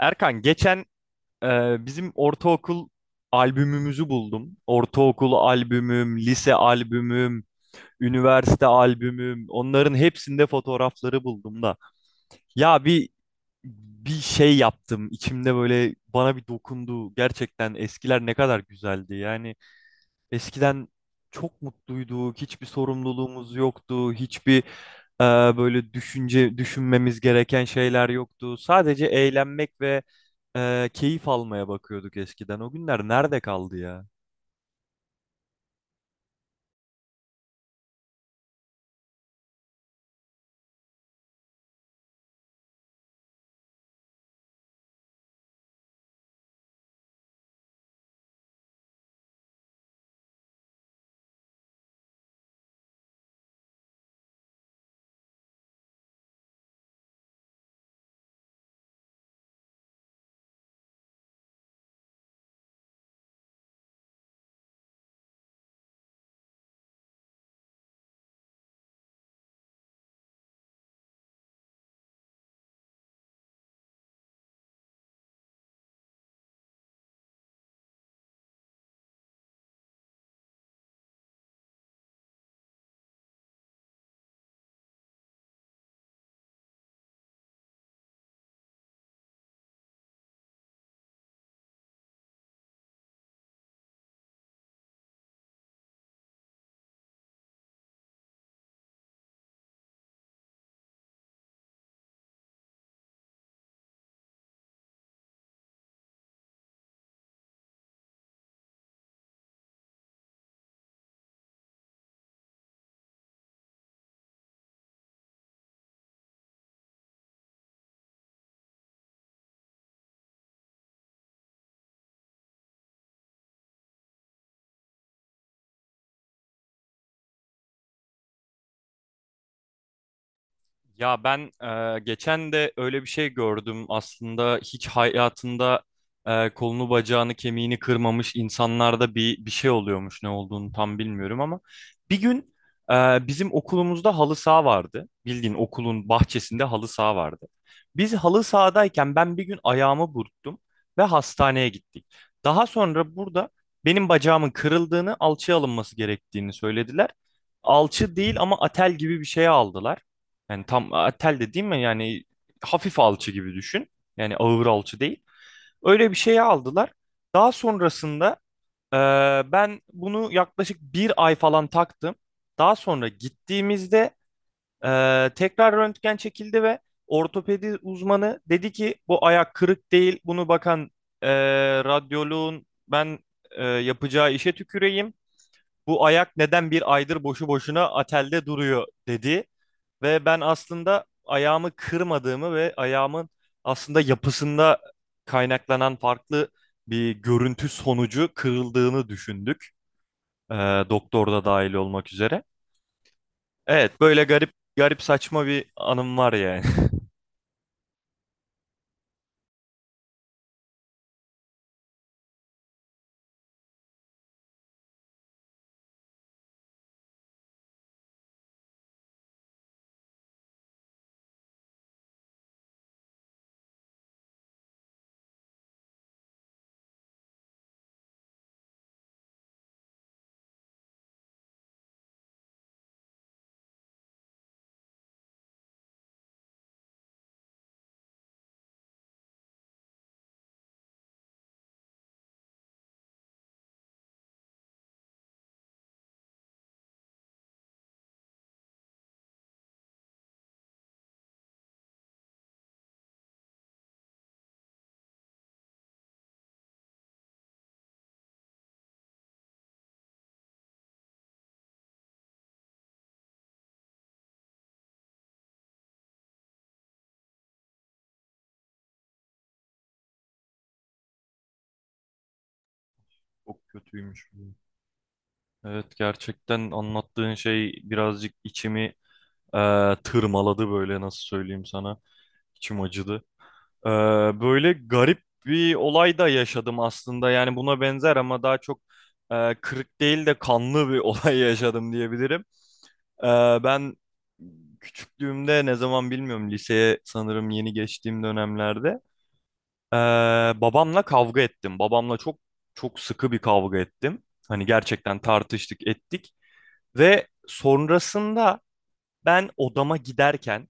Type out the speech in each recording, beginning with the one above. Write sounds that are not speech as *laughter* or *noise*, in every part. Erkan geçen bizim ortaokul albümümüzü buldum. Ortaokul albümüm, lise albümüm, üniversite albümüm. Onların hepsinde fotoğrafları buldum da. Ya bir şey yaptım. İçimde böyle bana bir dokundu. Gerçekten eskiler ne kadar güzeldi. Yani eskiden çok mutluyduk, hiçbir sorumluluğumuz yoktu, hiçbir böyle düşünmemiz gereken şeyler yoktu. Sadece eğlenmek ve keyif almaya bakıyorduk eskiden. O günler nerede kaldı ya? Ya ben geçen de öyle bir şey gördüm. Aslında hiç hayatında kolunu bacağını kemiğini kırmamış insanlarda bir şey oluyormuş. Ne olduğunu tam bilmiyorum ama bir gün bizim okulumuzda halı saha vardı. Bildiğin okulun bahçesinde halı saha vardı. Biz halı sahadayken ben bir gün ayağımı burktum ve hastaneye gittik. Daha sonra burada benim bacağımın kırıldığını, alçıya alınması gerektiğini söylediler. Alçı değil ama atel gibi bir şeye aldılar. Yani tam tel de değil mi? Yani hafif alçı gibi düşün. Yani ağır alçı değil. Öyle bir şeye aldılar. Daha sonrasında e, ben bunu yaklaşık bir ay falan taktım. Daha sonra gittiğimizde tekrar röntgen çekildi ve ortopedi uzmanı dedi ki bu ayak kırık değil. Bunu bakan e, radyoloğun ben yapacağı işe tüküreyim. Bu ayak neden bir aydır boşu boşuna atelde duruyor dedi. Ve ben aslında ayağımı kırmadığımı ve ayağımın aslında yapısında kaynaklanan farklı bir görüntü sonucu kırıldığını düşündük. Ee, Doktor da dahil olmak üzere. Evet, böyle garip garip saçma bir anım var yani. *laughs* Çok kötüymüş bu. Evet, gerçekten anlattığın şey birazcık içimi tırmaladı böyle nasıl söyleyeyim sana. İçim acıdı. Ee, Böyle garip bir olay da yaşadım aslında. Yani buna benzer ama daha çok kırık değil de kanlı bir *laughs* olay yaşadım diyebilirim. Ee, Ben küçüklüğümde ne zaman bilmiyorum liseye sanırım yeni geçtiğim dönemlerde ee, babamla kavga ettim. Babamla çok sıkı bir kavga ettim. Hani gerçekten tartıştık ettik ve sonrasında ben odama giderken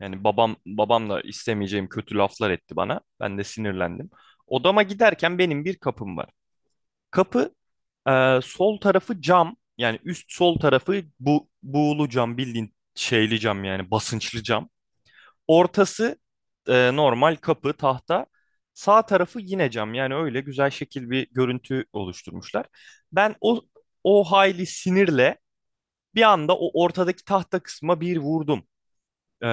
yani babam da istemeyeceğim kötü laflar etti bana. Ben de sinirlendim. Odama giderken benim bir kapım var. Kapı sol tarafı cam. Yani üst sol tarafı bu buğulu cam bildiğin şeyli cam yani basınçlı cam. Ortası normal kapı tahta. Sağ tarafı yine cam. Yani öyle güzel şekil bir görüntü oluşturmuşlar. Ben o hayli sinirle bir anda o ortadaki tahta kısma bir vurdum. Ee,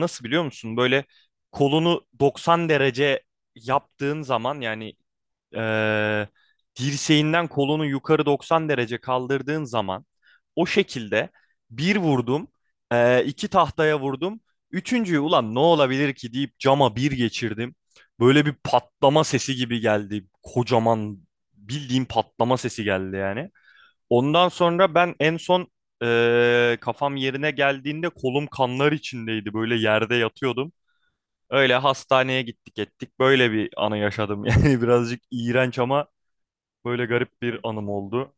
Nasıl biliyor musun? Böyle kolunu 90 derece yaptığın zaman yani ee, dirseğinden kolunu yukarı 90 derece kaldırdığın zaman o şekilde bir vurdum, iki tahtaya vurdum. Üçüncüyü ulan ne olabilir ki deyip cama bir geçirdim. Böyle bir patlama sesi gibi geldi. Kocaman bildiğim patlama sesi geldi yani. Ondan sonra ben en son kafam yerine geldiğinde kolum kanlar içindeydi. Böyle yerde yatıyordum. Öyle hastaneye gittik ettik. Böyle bir anı yaşadım. *laughs* Yani birazcık iğrenç ama böyle garip bir anım oldu.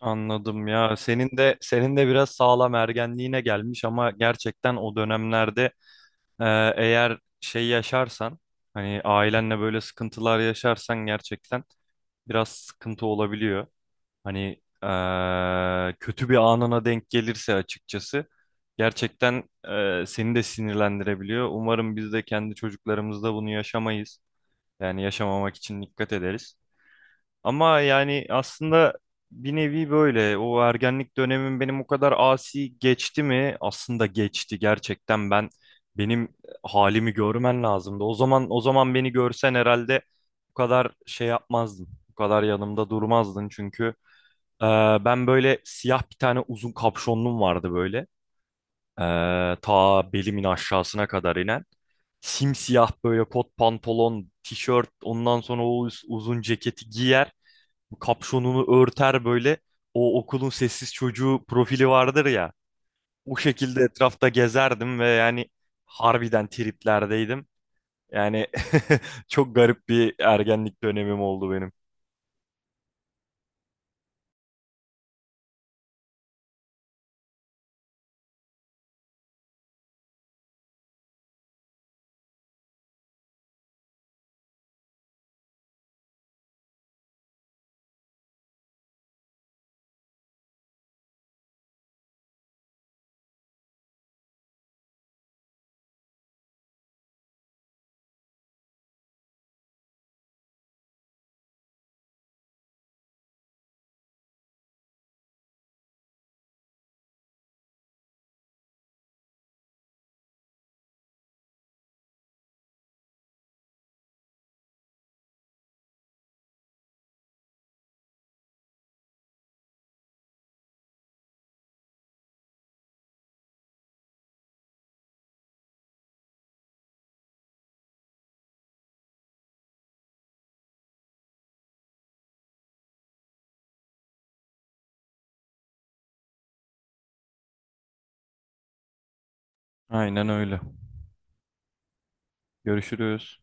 Anladım ya. Senin de biraz sağlam ergenliğine gelmiş ama gerçekten o dönemlerde eğer şey yaşarsan hani ailenle böyle sıkıntılar yaşarsan gerçekten biraz sıkıntı olabiliyor. Hani kötü bir anına denk gelirse açıkçası gerçekten seni de sinirlendirebiliyor. Umarım biz de kendi çocuklarımızda bunu yaşamayız. Yani yaşamamak için dikkat ederiz. Ama yani aslında bir nevi böyle o ergenlik dönemim benim o kadar asi geçti mi? Aslında geçti gerçekten ben benim halimi görmen lazımdı. O zaman beni görsen herhalde bu kadar şey yapmazdın. Bu kadar yanımda durmazdın çünkü ee, ben böyle siyah bir tane uzun kapşonluğum vardı böyle. Ta belimin aşağısına kadar inen. Simsiyah böyle kot pantolon, tişört, ondan sonra o uzun ceketi giyer. Kapşonunu örter böyle. O okulun sessiz çocuğu profili vardır ya. O şekilde etrafta gezerdim ve yani harbiden triplerdeydim. Yani *laughs* çok garip bir ergenlik dönemim oldu benim. Aynen öyle. Görüşürüz.